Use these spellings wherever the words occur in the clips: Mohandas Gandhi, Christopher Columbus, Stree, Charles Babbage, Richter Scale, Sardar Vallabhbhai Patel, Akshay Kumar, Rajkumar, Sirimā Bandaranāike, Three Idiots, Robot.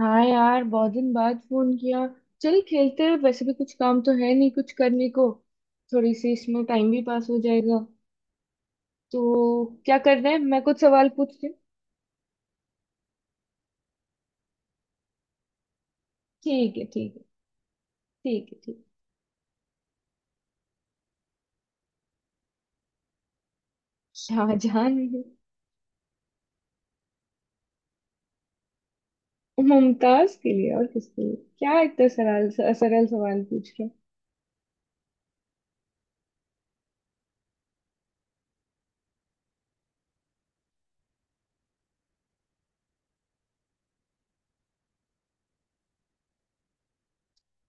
हाँ यार, बहुत दिन बाद फोन किया। चल खेलते हैं, वैसे भी कुछ काम तो है नहीं कुछ करने को। थोड़ी सी इसमें टाइम भी पास हो जाएगा। तो क्या कर रहे हैं, मैं कुछ सवाल पूछती हूँ। ठीक है, ठीक है, ठीक है, ठीक। शाहजहान। मुमताज के लिए। और किसके लिए? क्या इतना सरल सरल सवाल पूछ रहे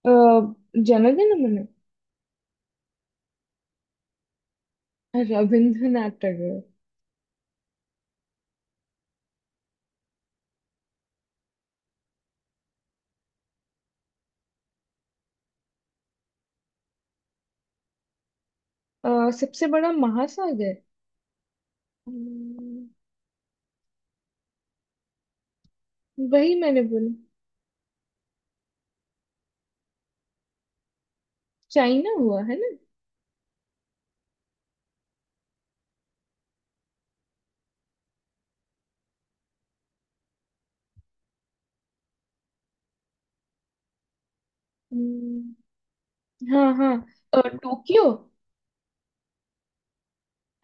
हो? अ, जन्मदिन मैंने। रविंद्रनाथ टैगोर। सबसे बड़ा महासागर। अम्म, वही मैंने बोला। चाइना हुआ है ना। हम्म। हाँ, हाँ। टोक्यो।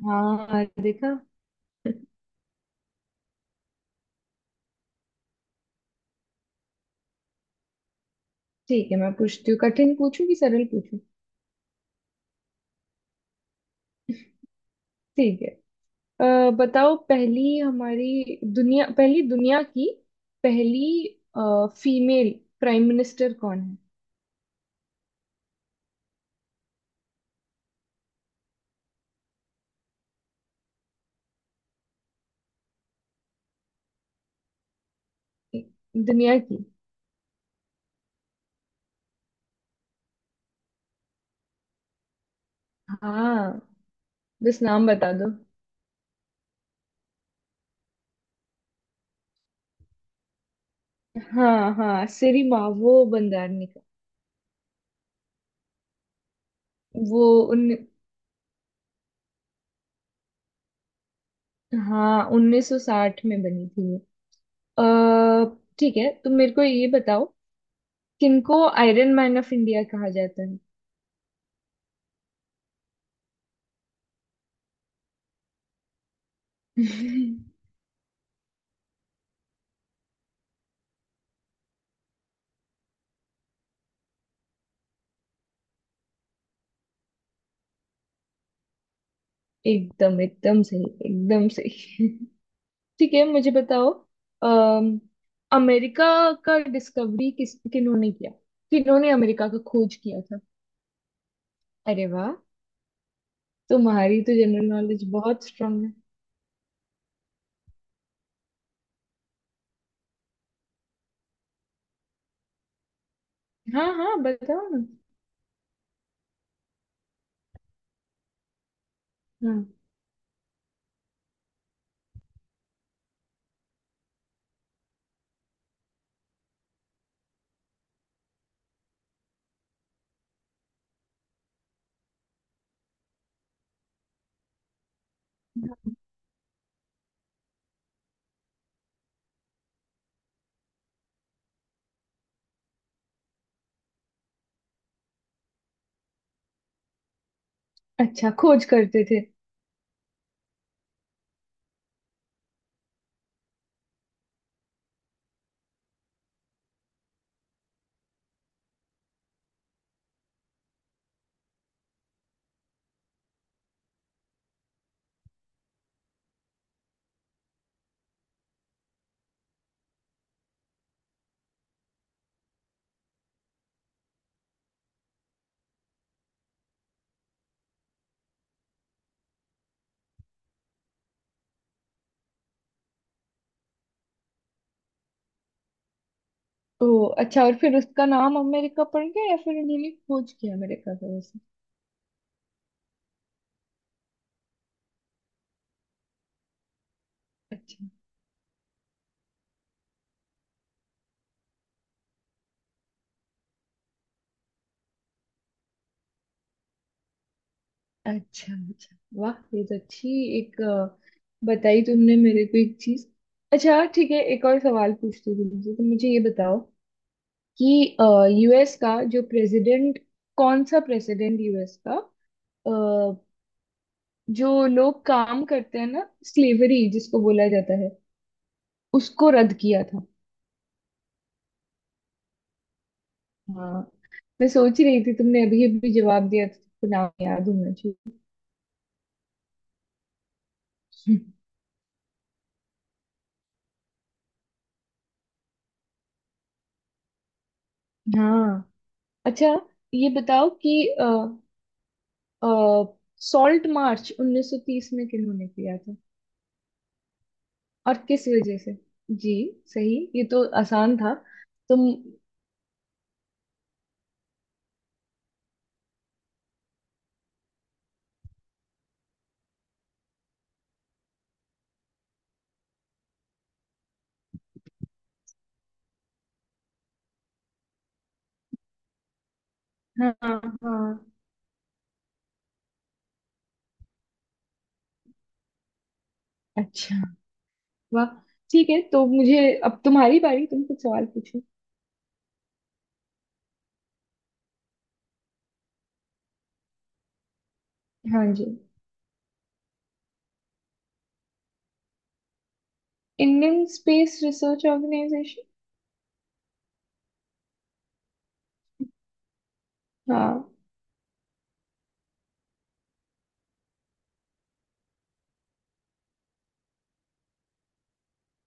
हाँ, देखा। ठीक है, मैं पूछती हूँ। कठिन पूछूं कि सरल पूछूं? ठीक है। बताओ, पहली दुनिया की पहली फीमेल प्राइम मिनिस्टर कौन है दुनिया की? हाँ, बस नाम बता दो। हाँ हाँ, सिरिमा वो बंदारनी का। वो उन हाँ, 1960 में बनी थी ये। अ, ठीक है, तो मेरे को ये बताओ, किनको आयरन मैन ऑफ इंडिया कहा जाता है? एकदम, एकदम सही, एकदम सही। ठीक है, मुझे बताओ, अम, अमेरिका का डिस्कवरी किस किन्होंने किया? किन्होंने अमेरिका का खोज किया था? अरे वाह! तुम्हारी तो जनरल नॉलेज बहुत स्ट्रांग है। हाँ हाँ, बताओ ना। हाँ। अच्छा, खोज करते थे। तो अच्छा, और फिर उसका नाम अमेरिका पड़ गया या फिर उन्होंने खोज किया अमेरिका का वैसे? अच्छा, अच्छा, अच्छा। वाह, ये तो अच्छी एक बताई तुमने मेरे को एक चीज। अच्छा हाँ, ठीक है, एक और सवाल पूछती हूँ तुमसे, तो मुझे ये बताओ कि यूएस का जो प्रेसिडेंट कौन सा प्रेसिडेंट यूएस का, अ, जो लोग काम करते हैं ना स्लेवरी जिसको बोला जाता है, उसको रद्द किया था? हाँ, मैं सोच रही थी, तुमने अभी अभी जवाब दिया था तो नाम याद होना चाहिए। हाँ। अच्छा, ये बताओ कि सॉल्ट मार्च 1930 में किन्होंने किया था और किस वजह से? जी। सही, ये तो आसान था। तुम। हाँ, हाँ। अच्छा, वाह। ठीक है, तो मुझे, अब तुम्हारी बारी, तुम कुछ सवाल पूछो। हाँ जी। Indian space research organisation. हाँ।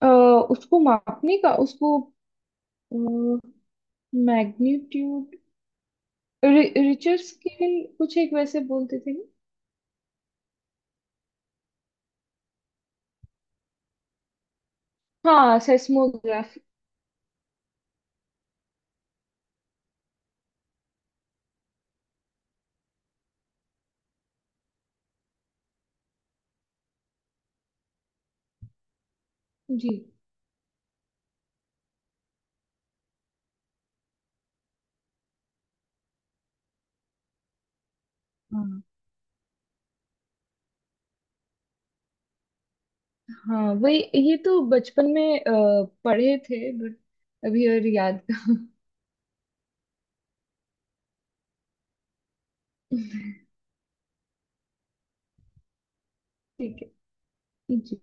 अ, उसको मापने का, उसको मैग्नीट्यूड, रिचर्ड स्केल, कुछ एक वैसे बोलते थे ना। हाँ, सेस्मोग्राफ। जी। हाँ हाँ, वही। ये तो बचपन में पढ़े थे, बट अभी और याद। ठीक है। जी,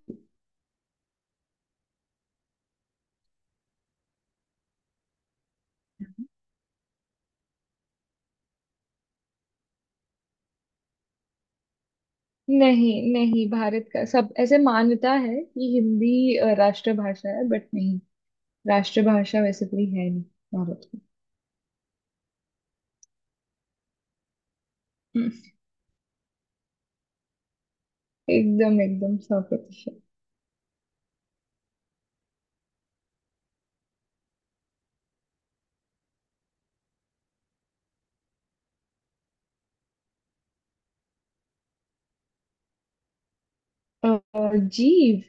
नहीं नहीं, भारत का सब ऐसे मान्यता है कि हिंदी राष्ट्रभाषा है, बट नहीं, राष्ट्रभाषा वैसे कोई है नहीं भारत की। हम्म। एकदम, एकदम 100%। और जीव?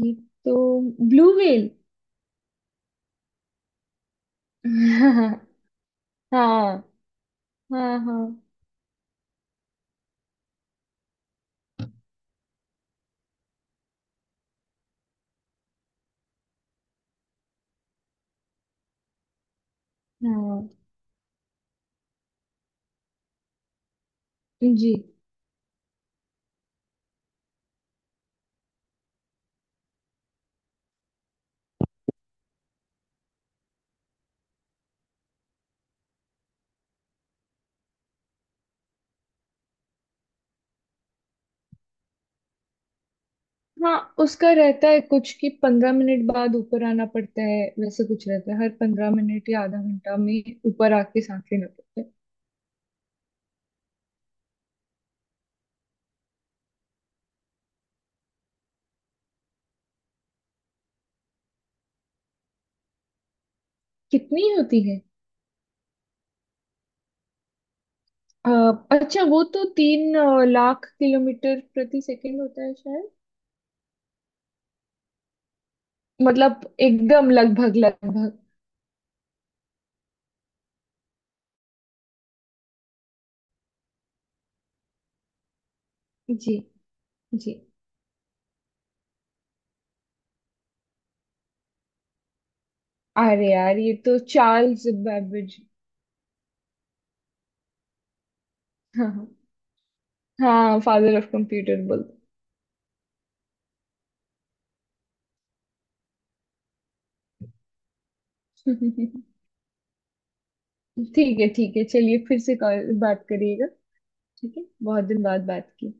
ये तो ब्लू व्हेल। हाँ हाँ हाँ। हाँ हाँ। जी। हाँ, उसका रहता है कुछ कि 15 मिनट बाद ऊपर आना पड़ता है, वैसे कुछ रहता है, हर 15 मिनट या आधा घंटा में ऊपर आके सांस लेना पड़ता है। कितनी होती है? अ, अच्छा, वो तो तीन लाख किलोमीटर प्रति सेकंड होता है शायद। मतलब, एकदम, लगभग लगभग। जी। जी, अरे यार, ये तो चार्ल्स बैबेज। हाँ हाँ। हाँ, फादर ऑफ कंप्यूटर बोलते हैं। ठीक है, ठीक है, चलिए, फिर से कॉल बात करिएगा। ठीक है, बहुत दिन बाद बात की।